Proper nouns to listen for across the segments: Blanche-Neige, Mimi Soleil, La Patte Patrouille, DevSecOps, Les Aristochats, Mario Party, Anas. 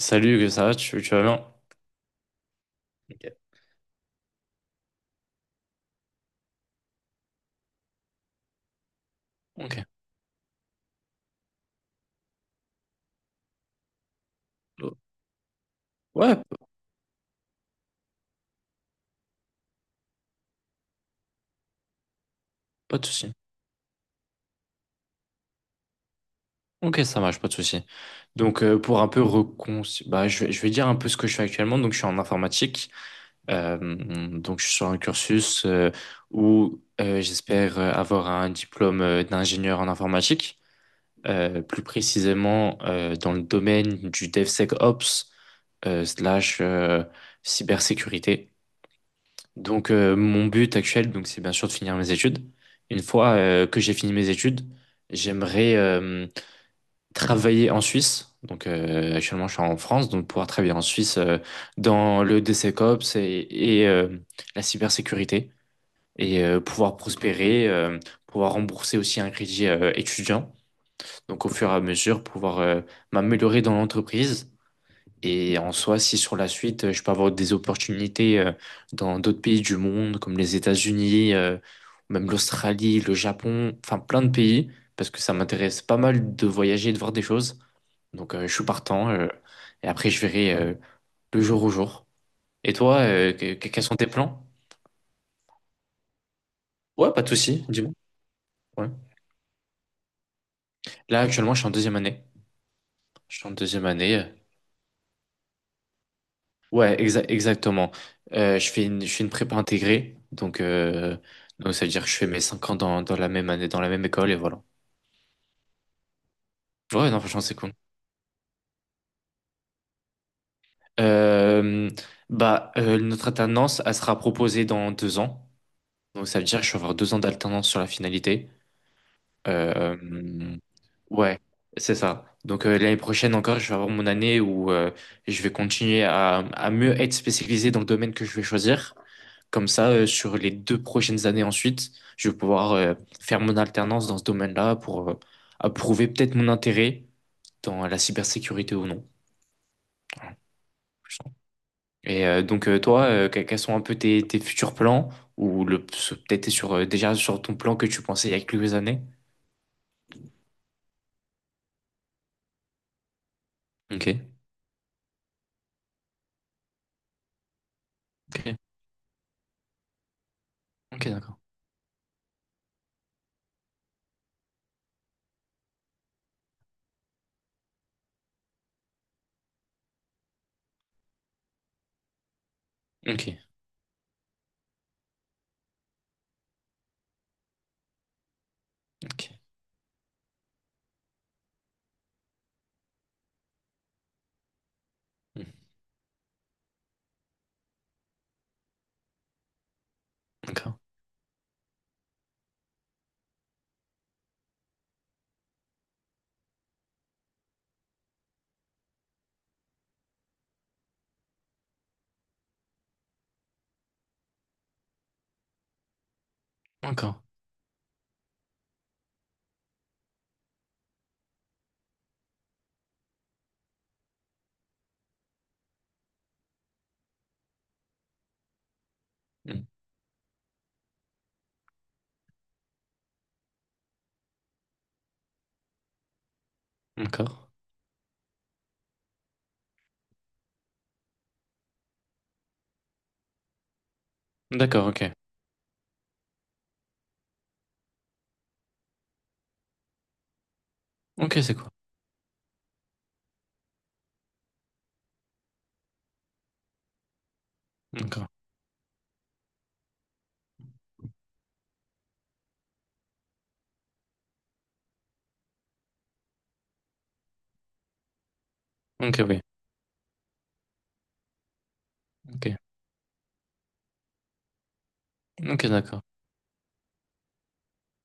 Salut, que ça va, tu vas bien? Ok. Ok. Ouais, p- Pas de souci. Ok, ça marche, pas de souci. Donc, pour un peu bah, je vais dire un peu ce que je fais actuellement. Donc, je suis en informatique. Euh, donc, je suis sur un cursus où j'espère avoir un diplôme d'ingénieur en informatique. Plus précisément, dans le domaine du DevSecOps slash cybersécurité. Donc mon but actuel, donc c'est bien sûr de finir mes études. Une fois que j'ai fini mes études, j'aimerais travailler en Suisse. Donc actuellement je suis en France, donc pouvoir travailler en Suisse dans le DCCOPS et la cybersécurité et pouvoir prospérer, pouvoir rembourser aussi un crédit étudiant. Donc au fur et à mesure pouvoir m'améliorer dans l'entreprise et en soi, si sur la suite, je peux avoir des opportunités dans d'autres pays du monde, comme les États-Unis, même l'Australie, le Japon, enfin plein de pays, parce que ça m'intéresse pas mal de voyager et de voir des choses. Donc je suis partant, et après je verrai le jour au jour. Et toi, quels sont tes plans? Ouais, pas de souci, dis-moi. Ouais. Là, actuellement, je suis en deuxième année. Je suis en deuxième année. Exactement. Je fais une prépa intégrée, donc ça veut dire que je fais mes 5 ans dans la même année, dans la même école, et voilà. Ouais, non, franchement, c'est cool. Euh, bah, notre alternance, elle sera proposée dans deux ans. Donc ça veut dire que je vais avoir deux ans d'alternance sur la finalité. Euh, ouais, c'est ça. Donc l'année prochaine encore, je vais avoir mon année où je vais continuer à mieux être spécialisé dans le domaine que je vais choisir. Comme ça, sur les deux prochaines années ensuite, je vais pouvoir faire mon alternance dans ce domaine-là pour approuver peut-être mon intérêt dans la cybersécurité ou non. Et donc toi, quels sont un peu tes futurs plans ou le peut-être t'es sur déjà sur ton plan que tu pensais il y a quelques années? Ok, ok, ok, d'accord. Ok, ok. Hmm. D'accord, d'accord. Hmm. D'accord, d'accord, ok, ok, c'est quoi? D'accord, ok, oui, ok, ok, d'accord.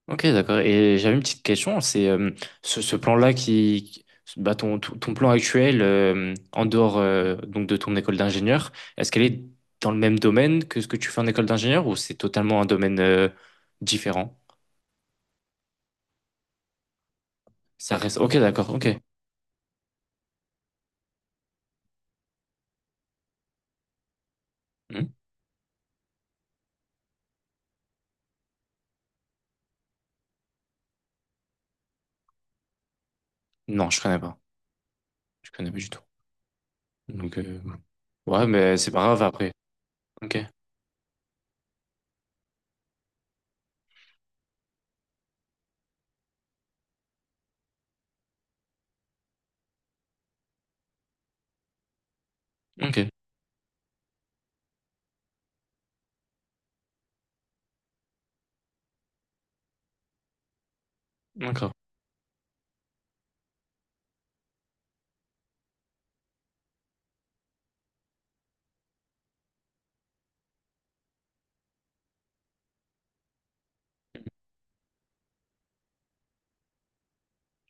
Ok, d'accord. Et j'avais une petite question, c'est ce plan-là qui, bah, ton, ton plan actuel en dehors donc de ton école d'ingénieur, est-ce qu'elle est dans le même domaine que ce que tu fais en école d'ingénieur ou c'est totalement un domaine différent? Ça reste. Ok, d'accord. Ok. Hmm. Non, je connais pas. Je connais pas du tout. Donc ouais, mais c'est pas grave après. Ok. Ok. D'accord.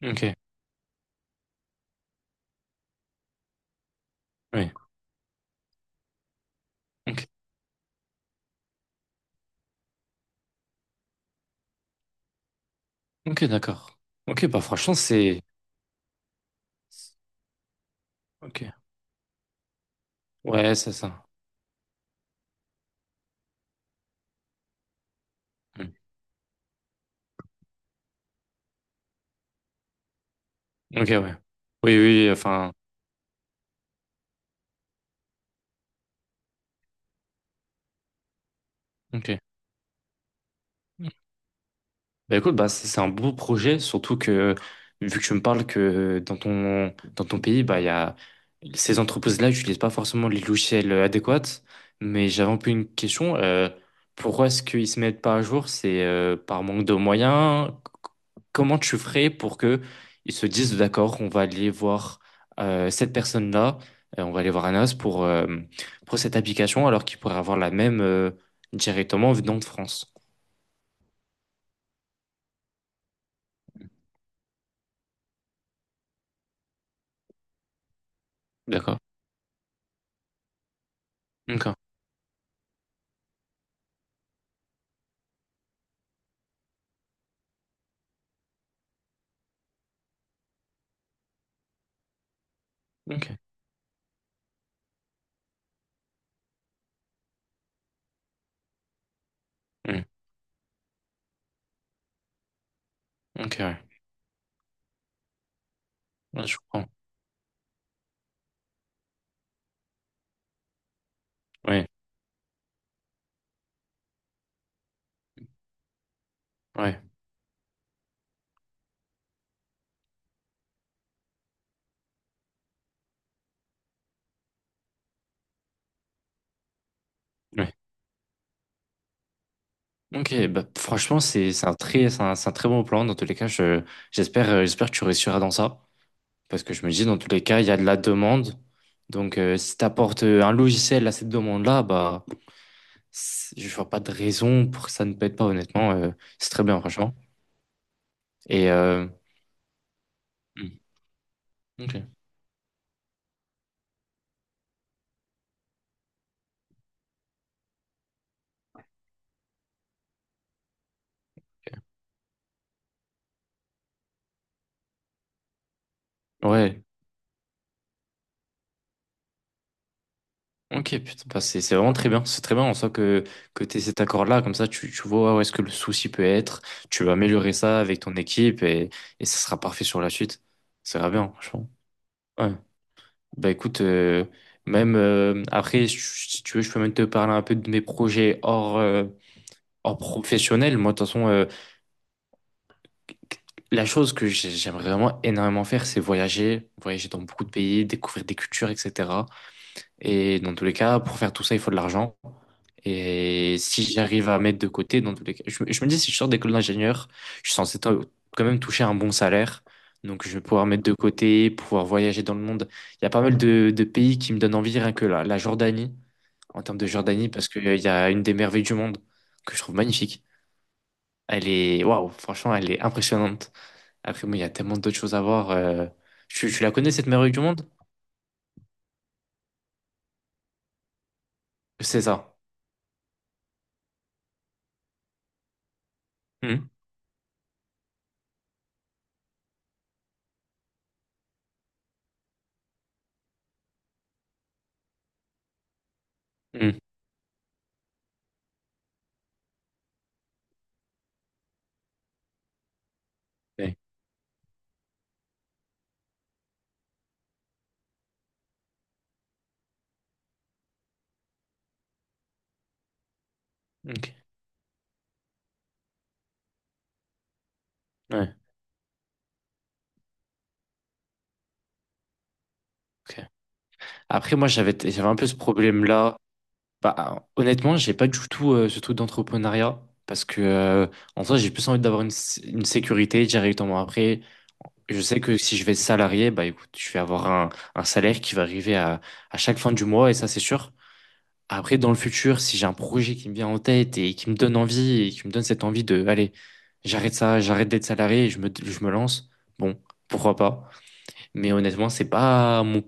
Ok. Oui. Ok. Ok, d'accord. Ok, bah franchement c'est. Ok. Ouais, c'est ça. Hmm. Ok, ouais. Oui, oui, enfin, ok. Bah écoute, bah c'est un beau projet, surtout que vu que tu me parles que dans ton pays, bah il y a ces entreprises-là n'utilisent pas forcément les logiciels adéquats. Mais j'avais un peu une question. Pourquoi est-ce qu'ils ne se mettent pas à jour? C'est par manque de moyens. Comment tu ferais pour que ils se disent d'accord, on va aller voir cette personne-là, on va aller voir Anas pour cette application, alors qu'ils pourraient avoir la même directement venant de France. D'accord. Ok. Ok. Ok, ouais. Ouais, je comprends. Oui, ouais, ouais. Ok, bah, franchement, c'est un très, c'est un très bon plan. Dans tous les cas, j'espère, j'espère que tu réussiras dans ça. Parce que je me dis, dans tous les cas, il y a de la demande. Donc, si tu apportes un logiciel à cette demande-là, bah, c'est- je vois pas de raison pour que ça ne pète pas, honnêtement. C'est très bien, franchement. Et, hmm, ok. Ouais. Ok, putain, bah, c'est vraiment très bien. C'est très bien en soi que tu aies cet accord-là. Comme ça, tu vois où est-ce que le souci peut être. Tu vas améliorer ça avec ton équipe et ça sera parfait sur la suite. Ça va bien, franchement. Ouais. Bah écoute, même si tu veux, je peux même te parler un peu de mes projets hors, hors professionnel. Moi, de toute façon, la chose que j'ai- j'aimerais vraiment énormément faire, c'est voyager. Voyager dans beaucoup de pays, découvrir des cultures, etc. Et dans tous les cas, pour faire tout ça, il faut de l'argent. Et si j'arrive à mettre de côté, dans tous les cas, je me dis, si je sors d'école d'ingénieur, je suis censé to- quand même toucher un bon salaire. Donc, je vais pouvoir mettre de côté, pouvoir voyager dans le monde. Il y a pas mal de pays qui me donnent envie, rien que la Jordanie, en termes de Jordanie, parce qu'il y a une des merveilles du monde que je trouve magnifique. Elle est, waouh, franchement, elle est impressionnante. Après, moi, il y a tellement d'autres choses à voir. Tu la connais, cette merveille du monde? C'est ça. Hmm. Hmm. Ouais. Ok. Ouais. Ok. Après, moi, j'avais un peu ce problème-là. Bah, honnêtement, j'ai pas du tout ce truc d'entrepreneuriat parce que, en soi, j'ai plus envie d'avoir une sécurité directement. Après, je sais que si je vais être salarié, bah, écoute, je vais avoir un salaire qui va arriver à chaque fin du mois et ça, c'est sûr. Après, dans le futur, si j'ai un projet qui me vient en tête et qui me donne envie et qui me donne cette envie de, allez, j'arrête ça, j'arrête d'être salarié et je me lance, bon, pourquoi pas. Mais honnêtement, c'est pas mon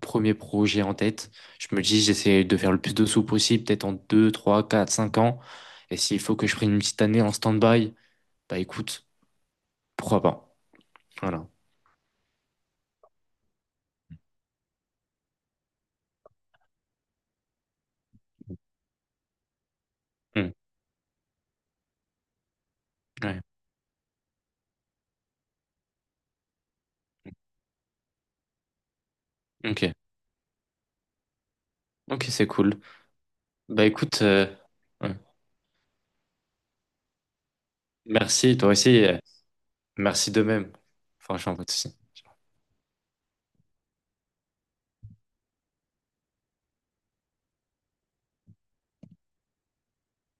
premier projet en tête. Je me dis, j'essaie de faire le plus de sous possible, peut-être en 2, 3, 4, 5 ans. Et s'il faut que je prenne une petite année en stand-by, bah écoute, pourquoi pas. Voilà. Hmm. Ouais. Ok. Ok, c'est cool. Bah écoute, ouais. Merci, toi aussi. Merci de même. Franchement, pas de souci.